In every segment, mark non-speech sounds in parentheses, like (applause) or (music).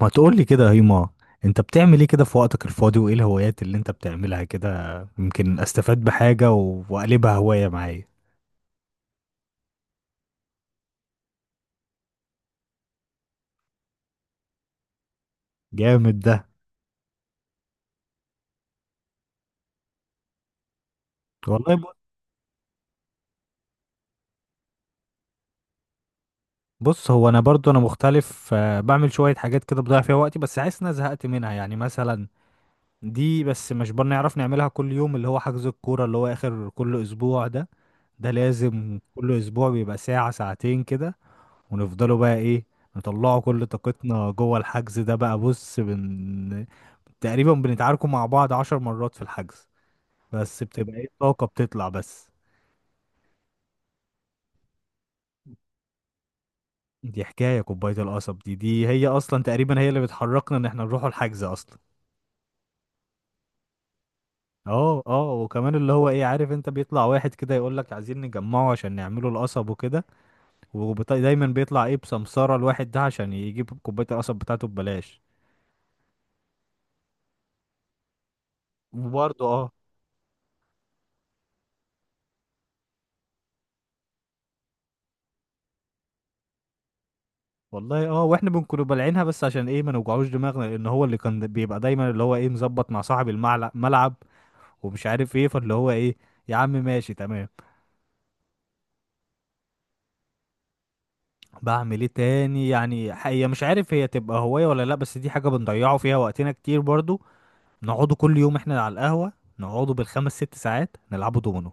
ما تقول لي كده يا هيما. انت بتعمل ايه كده في وقتك الفاضي وايه الهوايات اللي انت بتعملها كده؟ يمكن استفاد بحاجة واقلبها هواية معايا. جامد ده. والله ب- بص، هو انا برضو انا مختلف، بعمل شوية حاجات كده بضيع فيها وقتي، بس حاسس ان انا زهقت منها، يعني مثلا دي بس مش بنعرف نعملها كل يوم، اللي هو حجز الكورة اللي هو اخر كل اسبوع ده. ده لازم كل اسبوع بيبقى ساعة ساعتين كده، ونفضلوا بقى ايه، نطلعوا كل طاقتنا جوه الحجز ده. بقى بص تقريبا بنتعاركوا مع بعض 10 مرات في الحجز، بس بتبقى ايه الطاقة بتطلع بس. دي حكاية كوباية القصب دي هي اصلا تقريبا هي اللي بتحركنا ان احنا نروحوا الحجز اصلا. اه اه، وكمان اللي هو ايه، عارف انت بيطلع واحد كده يقول لك عايزين نجمعه عشان نعمله القصب وكده، ودايما بيطلع ايه بسمسارة الواحد ده عشان يجيب كوباية القصب بتاعته ببلاش. وبرضه اه، والله اه، واحنا بنكون بلعينها بس عشان ايه، ما نوجعوش دماغنا، لان هو اللي كان بيبقى دايما اللي هو ايه مظبط مع صاحب الملعب ومش عارف ايه، فاللي هو ايه، يا عم ماشي تمام. بعمل ايه تاني؟ يعني هي مش عارف هي تبقى هواية ولا لا، بس دي حاجة بنضيعه فيها وقتنا كتير برضو. نقعدوا كل يوم احنا على القهوة، نقعدوا بالخمس ست ساعات نلعبوا دومينو.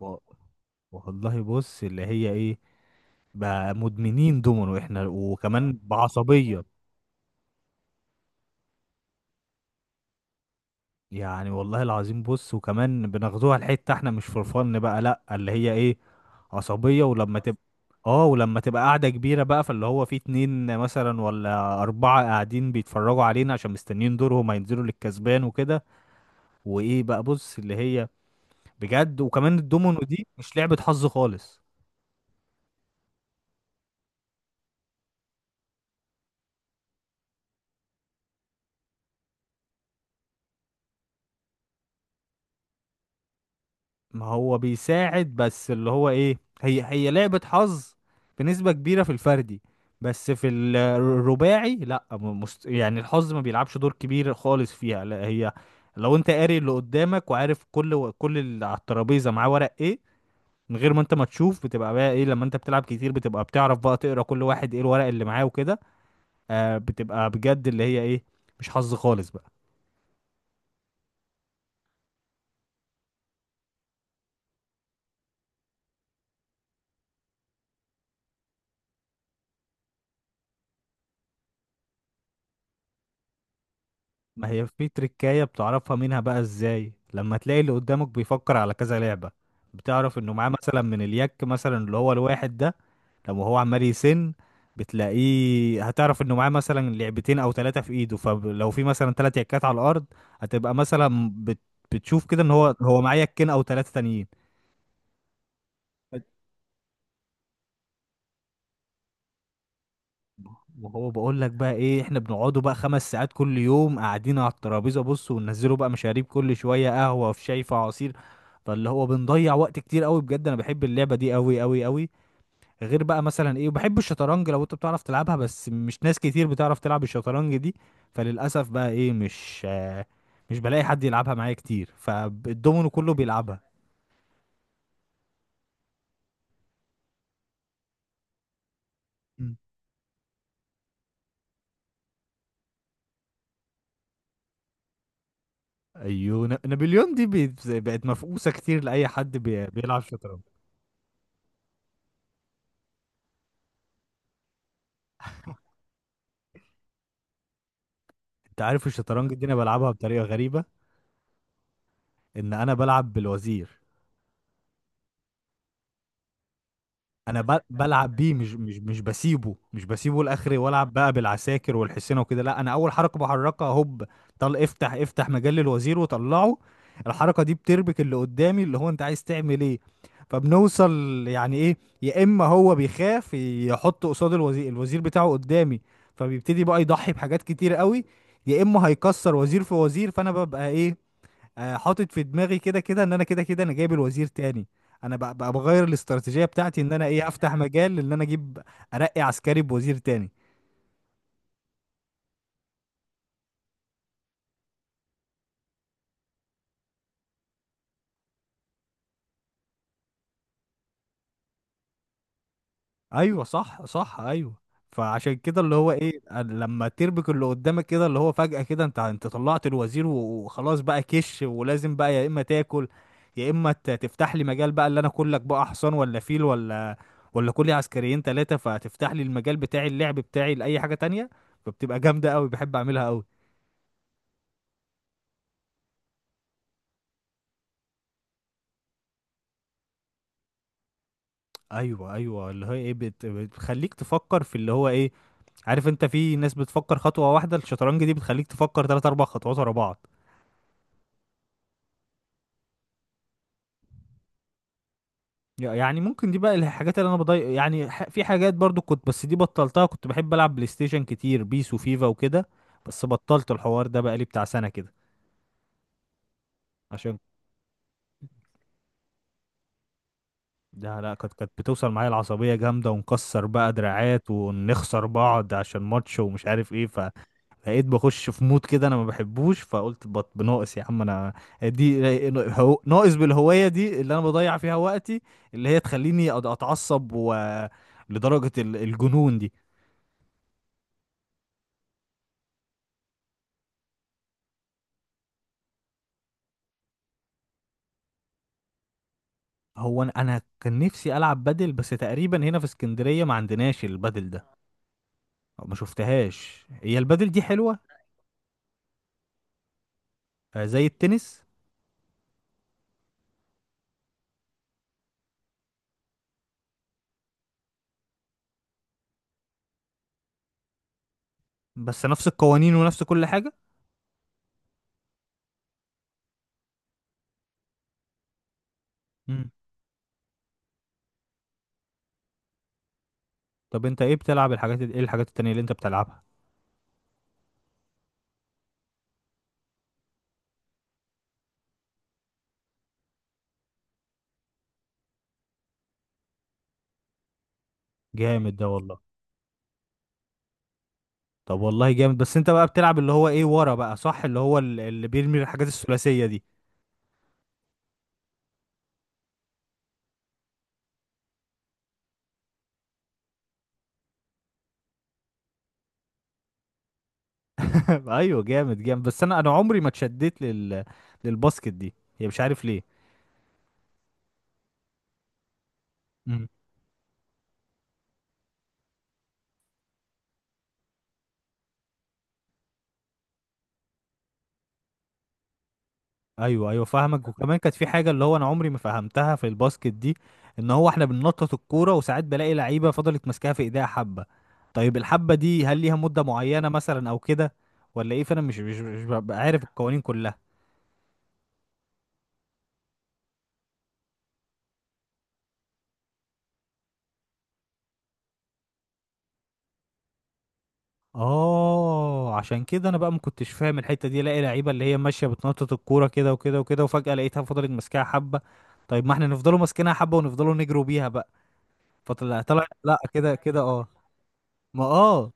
و- والله بص اللي هي ايه، بقى مدمنين دومينو احنا وكمان بعصبية. يعني والله العظيم، بص وكمان بناخدوها الحتة احنا مش فور فن بقى، لا اللي هي ايه، عصبية. ولما تبقى، اه، ولما تبقى قاعدة كبيرة بقى، فاللي هو في اتنين مثلا ولا أربعة قاعدين بيتفرجوا علينا عشان مستنيين دورهم، هينزلوا للكسبان وكده. وإيه بقى، بص اللي هي، بجد وكمان الدومينو دي مش لعبة حظ خالص. ما هو بيساعد، بس اللي هو ايه، هي هي لعبة حظ بنسبة كبيرة في الفردي، بس في الرباعي لا، يعني الحظ ما بيلعبش دور كبير خالص فيها، لا هي لو انت قاري اللي قدامك وعارف كل كل اللي على الترابيزة معاه ورق ايه من غير ما انت ما تشوف، بتبقى بقى ايه، لما انت بتلعب كتير بتبقى بتعرف بقى تقرا كل واحد ايه الورق اللي معاه وكده. آه، بتبقى بجد اللي هي ايه، مش حظ خالص بقى. ما هي في تركاية بتعرفها منها بقى ازاي، لما تلاقي اللي قدامك بيفكر على كذا لعبة، بتعرف انه معاه مثلا من اليك مثلا اللي هو الواحد ده، لما هو عمال يسن، بتلاقيه، هتعرف انه معاه مثلا لعبتين او ثلاثة في ايده، فلو في مثلا ثلاث يكات على الارض، هتبقى مثلا بتشوف كده ان هو هو معاه يكين او ثلاثة تانيين. وهو بقول لك بقى ايه، احنا بنقعدوا بقى 5 ساعات كل يوم قاعدين على الترابيزه، بص، وننزلوا بقى مشاريب كل شويه، قهوه في شاي في عصير، فاللي هو بنضيع وقت كتير قوي، بجد انا بحب اللعبه دي قوي قوي قوي. غير بقى مثلا ايه، وبحب الشطرنج، لو انت بتعرف تلعبها، بس مش ناس كتير بتعرف تلعب الشطرنج دي، فللاسف بقى ايه، مش مش بلاقي حد يلعبها معايا كتير، فالدومينو كله بيلعبها. مم. ايوه، نابليون دي بقت مفقوسه كتير لاي حد بيلعب شطرنج. انت عارف الشطرنج دي انا بلعبها بطريقه غريبه، ان انا بلعب بالوزير. انا بلعب بيه، مش بسيبه، مش بسيبه لاخر والعب بقى بالعساكر والحصينه وكده. لا انا اول حركه بحركها هوب، طل افتح مجال للوزير وطلعه. الحركه دي بتربك اللي قدامي، اللي هو انت عايز تعمل ايه، فبنوصل يعني ايه، يا اما هو بيخاف يحط قصاد الوزير الوزير بتاعه قدامي، فبيبتدي بقى يضحي بحاجات كتير قوي، يا اما هيكسر وزير في وزير، فانا ببقى ايه، حاطط في دماغي كده كده ان انا كده كده انا جايب الوزير تاني. انا بقى بغير الاستراتيجيه بتاعتي ان انا ايه افتح مجال ان انا اجيب، ارقي عسكري بوزير تاني. ايوه صح صح ايوه. فعشان كده اللي هو ايه، لما تربك اللي قدامك كده، اللي هو فجأة كده، انت طلعت الوزير وخلاص بقى، كش، ولازم بقى يا اما تاكل، يا اما تفتح لي مجال بقى اللي انا كلك بقى حصان ولا فيل ولا ولا كلي عسكريين ثلاثة، فتفتح لي المجال بتاعي، اللعب بتاعي لأي حاجة تانية، فبتبقى جامدة قوي، بحب اعملها قوي. ايوه ايوه، اللي هو ايه، بتخليك تفكر في اللي هو ايه، عارف انت في ناس بتفكر خطوه واحده، الشطرنج دي بتخليك تفكر 3 4 خطوات ورا بعض. يعني ممكن دي بقى الحاجات اللي انا بضيع يعني في حاجات برضو كنت، بس دي بطلتها، كنت بحب العب بلاي ستيشن كتير، بيس وفيفا وكده، بس بطلت الحوار ده بقى لي بتاع سنه كده، عشان ده لا، كانت بتوصل معايا العصبيه جامده، ونكسر بقى دراعات ونخسر بعض عشان ماتش ومش عارف ايه، بقيت بخش في مود كده انا ما بحبوش، فقلت بناقص يا عم انا دي، ناقص بالهوايه دي اللي انا بضيع فيها وقتي اللي هي تخليني اتعصب و لدرجه الجنون دي. هو انا كان نفسي العب بدل، بس تقريبا هنا في اسكندريه ما عندناش البدل ده، أو ما شفتهاش، هي البدل دي حلوه؟ زي التنس؟ بس نفس القوانين ونفس كل حاجه. مم. طب انت ايه بتلعب؟ الحاجات ايه الحاجات التانية اللي انت بتلعبها؟ جامد ده والله. طب والله جامد، بس انت بقى بتلعب اللي هو ايه ورا بقى صح اللي هو اللي بيرمي الحاجات الثلاثية دي. (laughs) ايوه جامد جامد، بس انا عمري ما اتشدت للباسكت دي، هي مش عارف ليه. مم. ايوه ايوه فاهمك، وكمان كانت في حاجة اللي هو انا عمري ما فهمتها في الباسكت دي، ان هو احنا بننطط الكورة وساعات بلاقي لعيبة فضلت ماسكاها في ايديها حبة، طيب الحبة دي هل ليها مدة معينة مثلا او كده؟ ولا ايه؟ فانا مش ببقى عارف القوانين كلها. اه عشان كده انا بقى ما كنتش فاهم الحته دي، الاقي لعيبه اللي هي ماشيه بتنطط الكوره كده وكده وكده، وفجاه لقيتها فضلت ماسكاها حبه، طيب ما احنا نفضلوا ماسكينها حبه ونفضلوا نجروا بيها بقى، فطلع طلع لا كده كده اه. ما اه،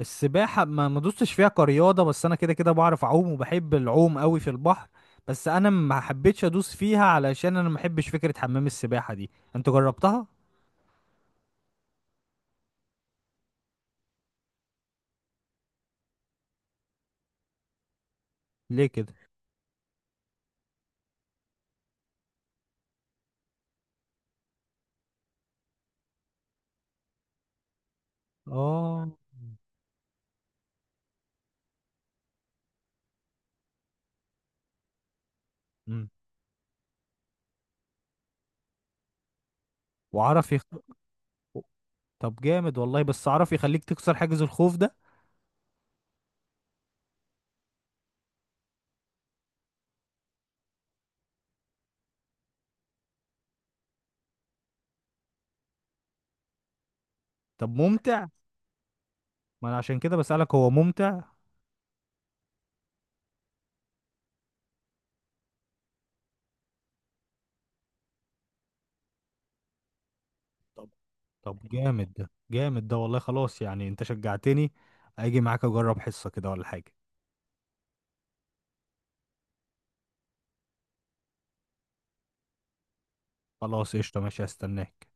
السباحه ما دوستش فيها كرياضه، بس انا كده كده بعرف اعوم وبحب العوم قوي في البحر، بس انا ما حبيتش ادوس فيها علشان انا ما بحبش فكره حمام السباحه دي. انت جربتها؟ ليه كده؟ اه. مم. وعرف طب جامد والله، بس عرف يخليك تكسر حاجز الخوف ده. طب ممتع؟ ما انا عشان كده بسألك، هو ممتع؟ طب، طب جامد ده جامد ده والله، خلاص يعني انت شجعتني، اجي معاك اجرب حصة كده ولا حاجة. خلاص قشطة ماشي هستناك.